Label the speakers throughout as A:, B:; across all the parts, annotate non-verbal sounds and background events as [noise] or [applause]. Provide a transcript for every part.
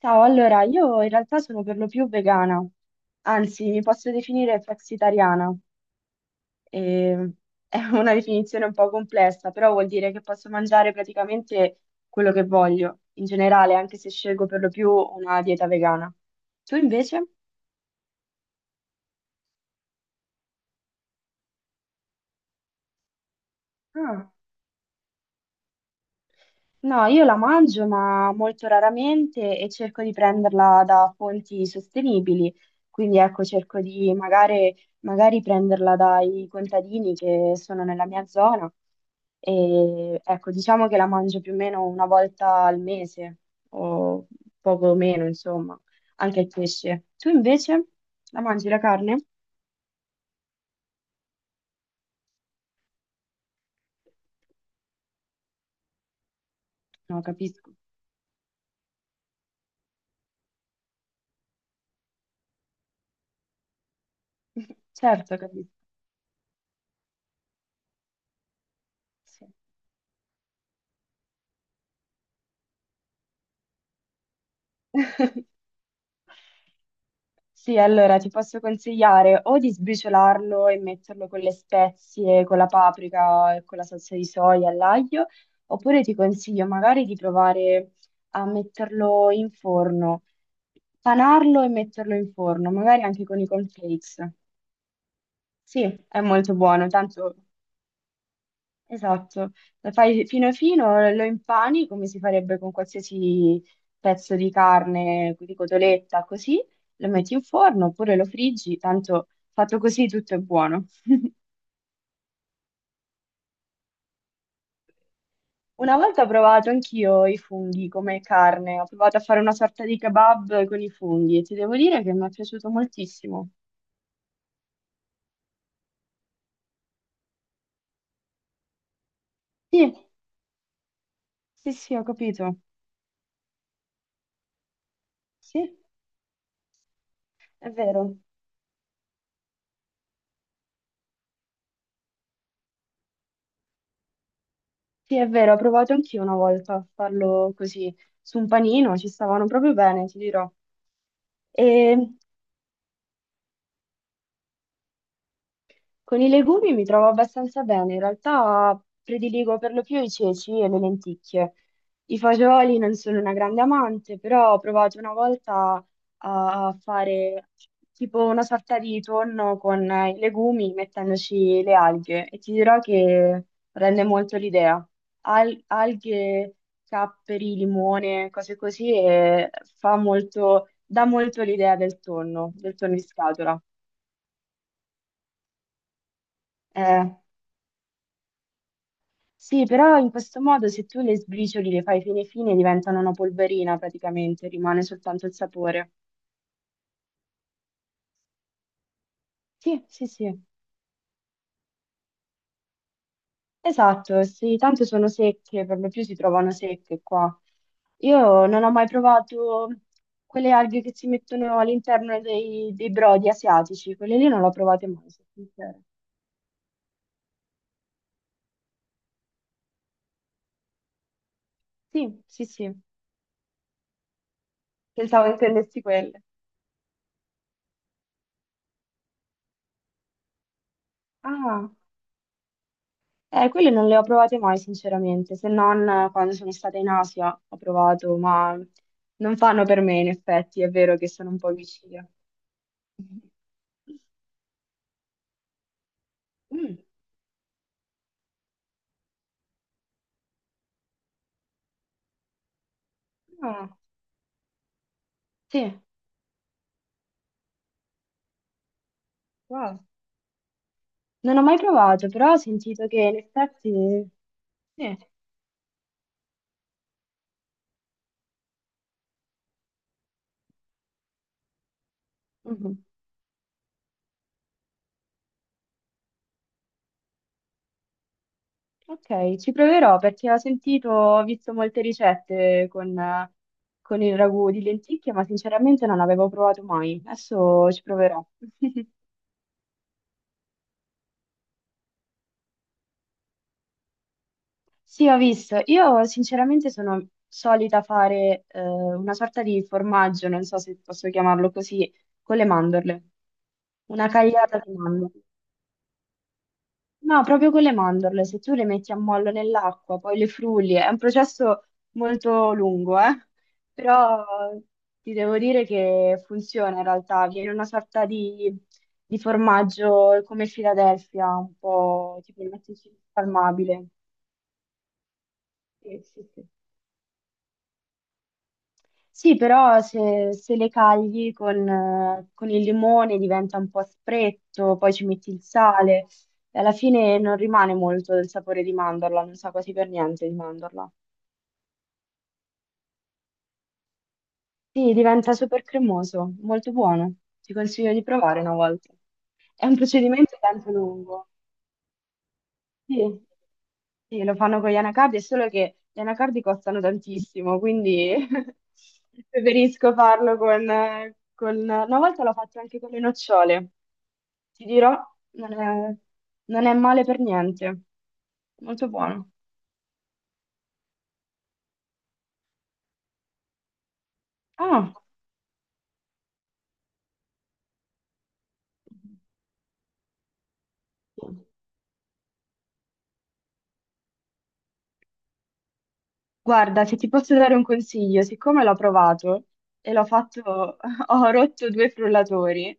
A: Ciao, allora io in realtà sono per lo più vegana, anzi mi posso definire flexitariana, e- è una definizione un po' complessa, però vuol dire che posso mangiare praticamente quello che voglio, in generale, anche se scelgo per lo più una dieta vegana. Tu invece? No, io la mangio, ma molto raramente e cerco di prenderla da fonti sostenibili. Quindi ecco, cerco di magari, magari prenderla dai contadini che sono nella mia zona. E ecco, diciamo che la mangio più o meno una volta al mese o poco meno, insomma, anche il pesce. Tu invece la mangi la carne? No, capisco. [laughs] Certo, capisco. Sì. [laughs] Sì, allora ti posso consigliare o di sbriciolarlo e metterlo con le spezie, con la paprika e con la salsa di soia all'aglio, oppure ti consiglio magari di provare a metterlo in forno, panarlo e metterlo in forno, magari anche con i cornflakes. Sì, è molto buono, tanto. Esatto, lo fai fino fino, lo impani come si farebbe con qualsiasi pezzo di carne, di cotoletta, così, lo metti in forno oppure lo friggi, tanto fatto così tutto è buono. Una volta ho provato anch'io i funghi come carne, ho provato a fare una sorta di kebab con i funghi e ti devo dire che mi è piaciuto moltissimo. Sì, sì, sì, ho capito. Sì, è vero. Sì, è vero, ho provato anch'io una volta a farlo così su un panino, ci stavano proprio bene, ti dirò. E con i legumi mi trovo abbastanza bene, in realtà prediligo per lo più i ceci e le lenticchie. I fagioli non sono una grande amante, però ho provato una volta a fare tipo una sorta di tonno con i legumi mettendoci le alghe e ti dirò che rende molto l'idea. Alghe, capperi, limone, cose così e fa molto, dà molto l'idea del tonno in scatola. Eh. Sì, però in questo modo se tu le sbricioli, le fai fine fine, diventano una polverina praticamente, rimane soltanto il sapore. Sì, sì, sì, esatto, sì, tanto sono secche, per lo più si trovano secche qua. Io non ho mai provato quelle alghe che si mettono all'interno dei brodi asiatici, quelle lì non le ho provate mai, sono sincera. Sì, sì, sì, pensavo intendessi quelle. Ah. Quelle non le ho provate mai, sinceramente, se non quando sono stata in Asia ho provato, ma non fanno per me, in effetti, è vero che sono un po' vicina. Mm, ah, sì, wow. Non ho mai provato, però ho sentito che in effetti... Sì. Mhm. Ok, ci proverò perché ho sentito, ho visto molte ricette con il ragù di lenticchie, ma sinceramente non avevo provato mai. Adesso ci proverò. Sì, ho visto. Io sinceramente sono solita fare una sorta di formaggio, non so se posso chiamarlo così, con le mandorle. Una cagliata di mandorle. No, proprio con le mandorle, se tu le metti a mollo nell'acqua, poi le frulli, è un processo molto lungo, eh? Però ti devo dire che funziona in realtà, viene una sorta di formaggio come Philadelphia, un po' tipo il salmabile. Sì, sì, sì. Sì, però se, se le cagli con il limone diventa un po' aspretto, poi ci metti il sale e alla fine non rimane molto del sapore di mandorla, non sa quasi per niente di mandorla. Sì, diventa super cremoso, molto buono. Ti consiglio di provare una volta. È un procedimento tanto lungo. Sì. Sì, lo fanno con gli anacardi, è solo che gli anacardi costano tantissimo, quindi [laughs] preferisco farlo con... Una volta l'ho fatto anche con le nocciole, ti dirò, non è, non è male per niente, molto buono. Ah, guarda, se ti posso dare un consiglio, siccome l'ho provato e l'ho fatto, [laughs] ho rotto due frullatori,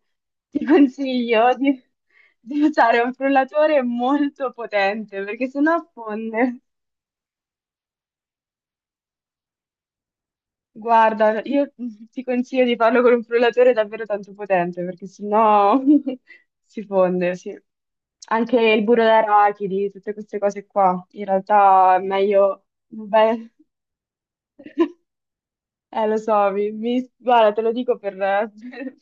A: ti consiglio di usare un frullatore molto potente perché sennò fonde. Guarda, io ti consiglio di farlo con un frullatore davvero tanto potente perché sennò [laughs] si fonde, sì. Anche il burro d'arachidi, tutte queste cose qua, in realtà è meglio... Beh. Lo so, guarda, te lo dico per, [laughs]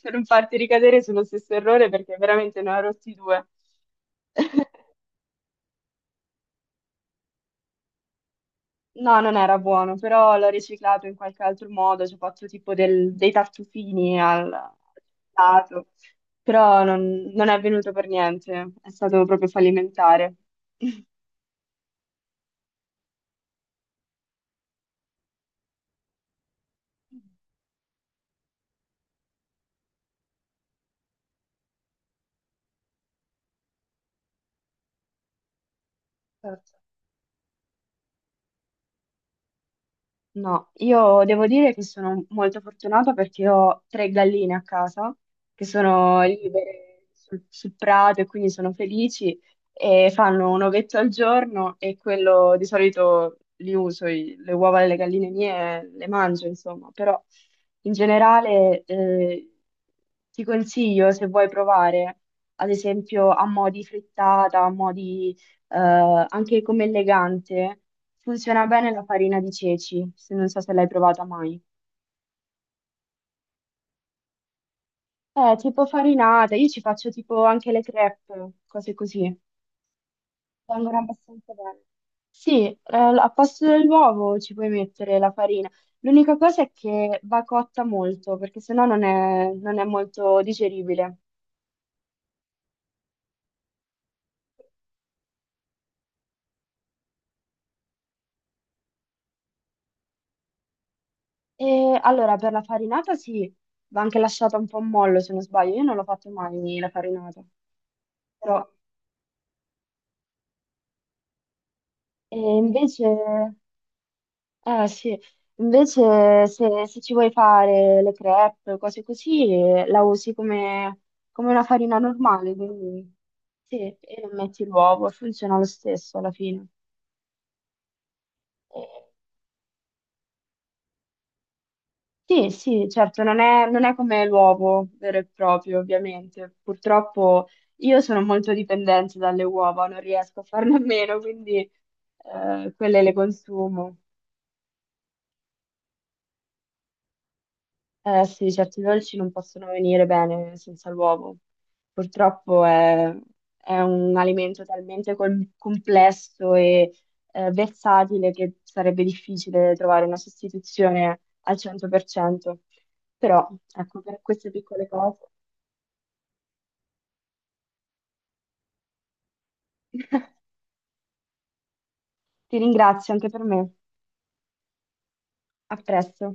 A: per non farti ricadere sullo stesso errore perché veramente ne ho rotti due. No, non era buono, però l'ho riciclato in qualche altro modo, ci ho fatto tipo dei tartufini al al lato, però non è venuto per niente, è stato proprio fallimentare. [laughs] Certo. No, io devo dire che sono molto fortunata perché ho tre galline a casa che sono libere sul, sul prato e quindi sono felici e fanno un ovetto al giorno e quello di solito li uso, le uova delle galline mie le mangio, insomma, però in generale ti consiglio se vuoi provare, ad esempio a mo' di frittata, a mo' di eh, anche come elegante. Funziona bene la farina di ceci, se non so se l'hai provata mai. Tipo farinata, io ci faccio tipo anche le crepe, cose così. Vengono abbastanza bene. Sì, al posto dell'uovo ci puoi mettere la farina. L'unica cosa è che va cotta molto, perché sennò non è molto digeribile. E allora, per la farinata sì, va anche lasciata un po' a mollo, se non sbaglio. Io non l'ho fatto mai la farinata. Però, e invece... Eh sì, invece se, se ci vuoi fare le crepe, cose così, la usi come, come una farina normale, quindi sì, e non metti l'uovo, funziona lo stesso alla fine. Eh, sì, sì, certo, non è come l'uovo vero e proprio, ovviamente. Purtroppo io sono molto dipendente dalle uova, non riesco a farne a meno, quindi quelle le consumo. Eh sì, certi dolci non possono venire bene senza l'uovo. Purtroppo è un alimento talmente complesso e versatile che sarebbe difficile trovare una sostituzione al 100%. Però, ecco, per queste piccole cose [laughs] ti ringrazio anche per me. A presto.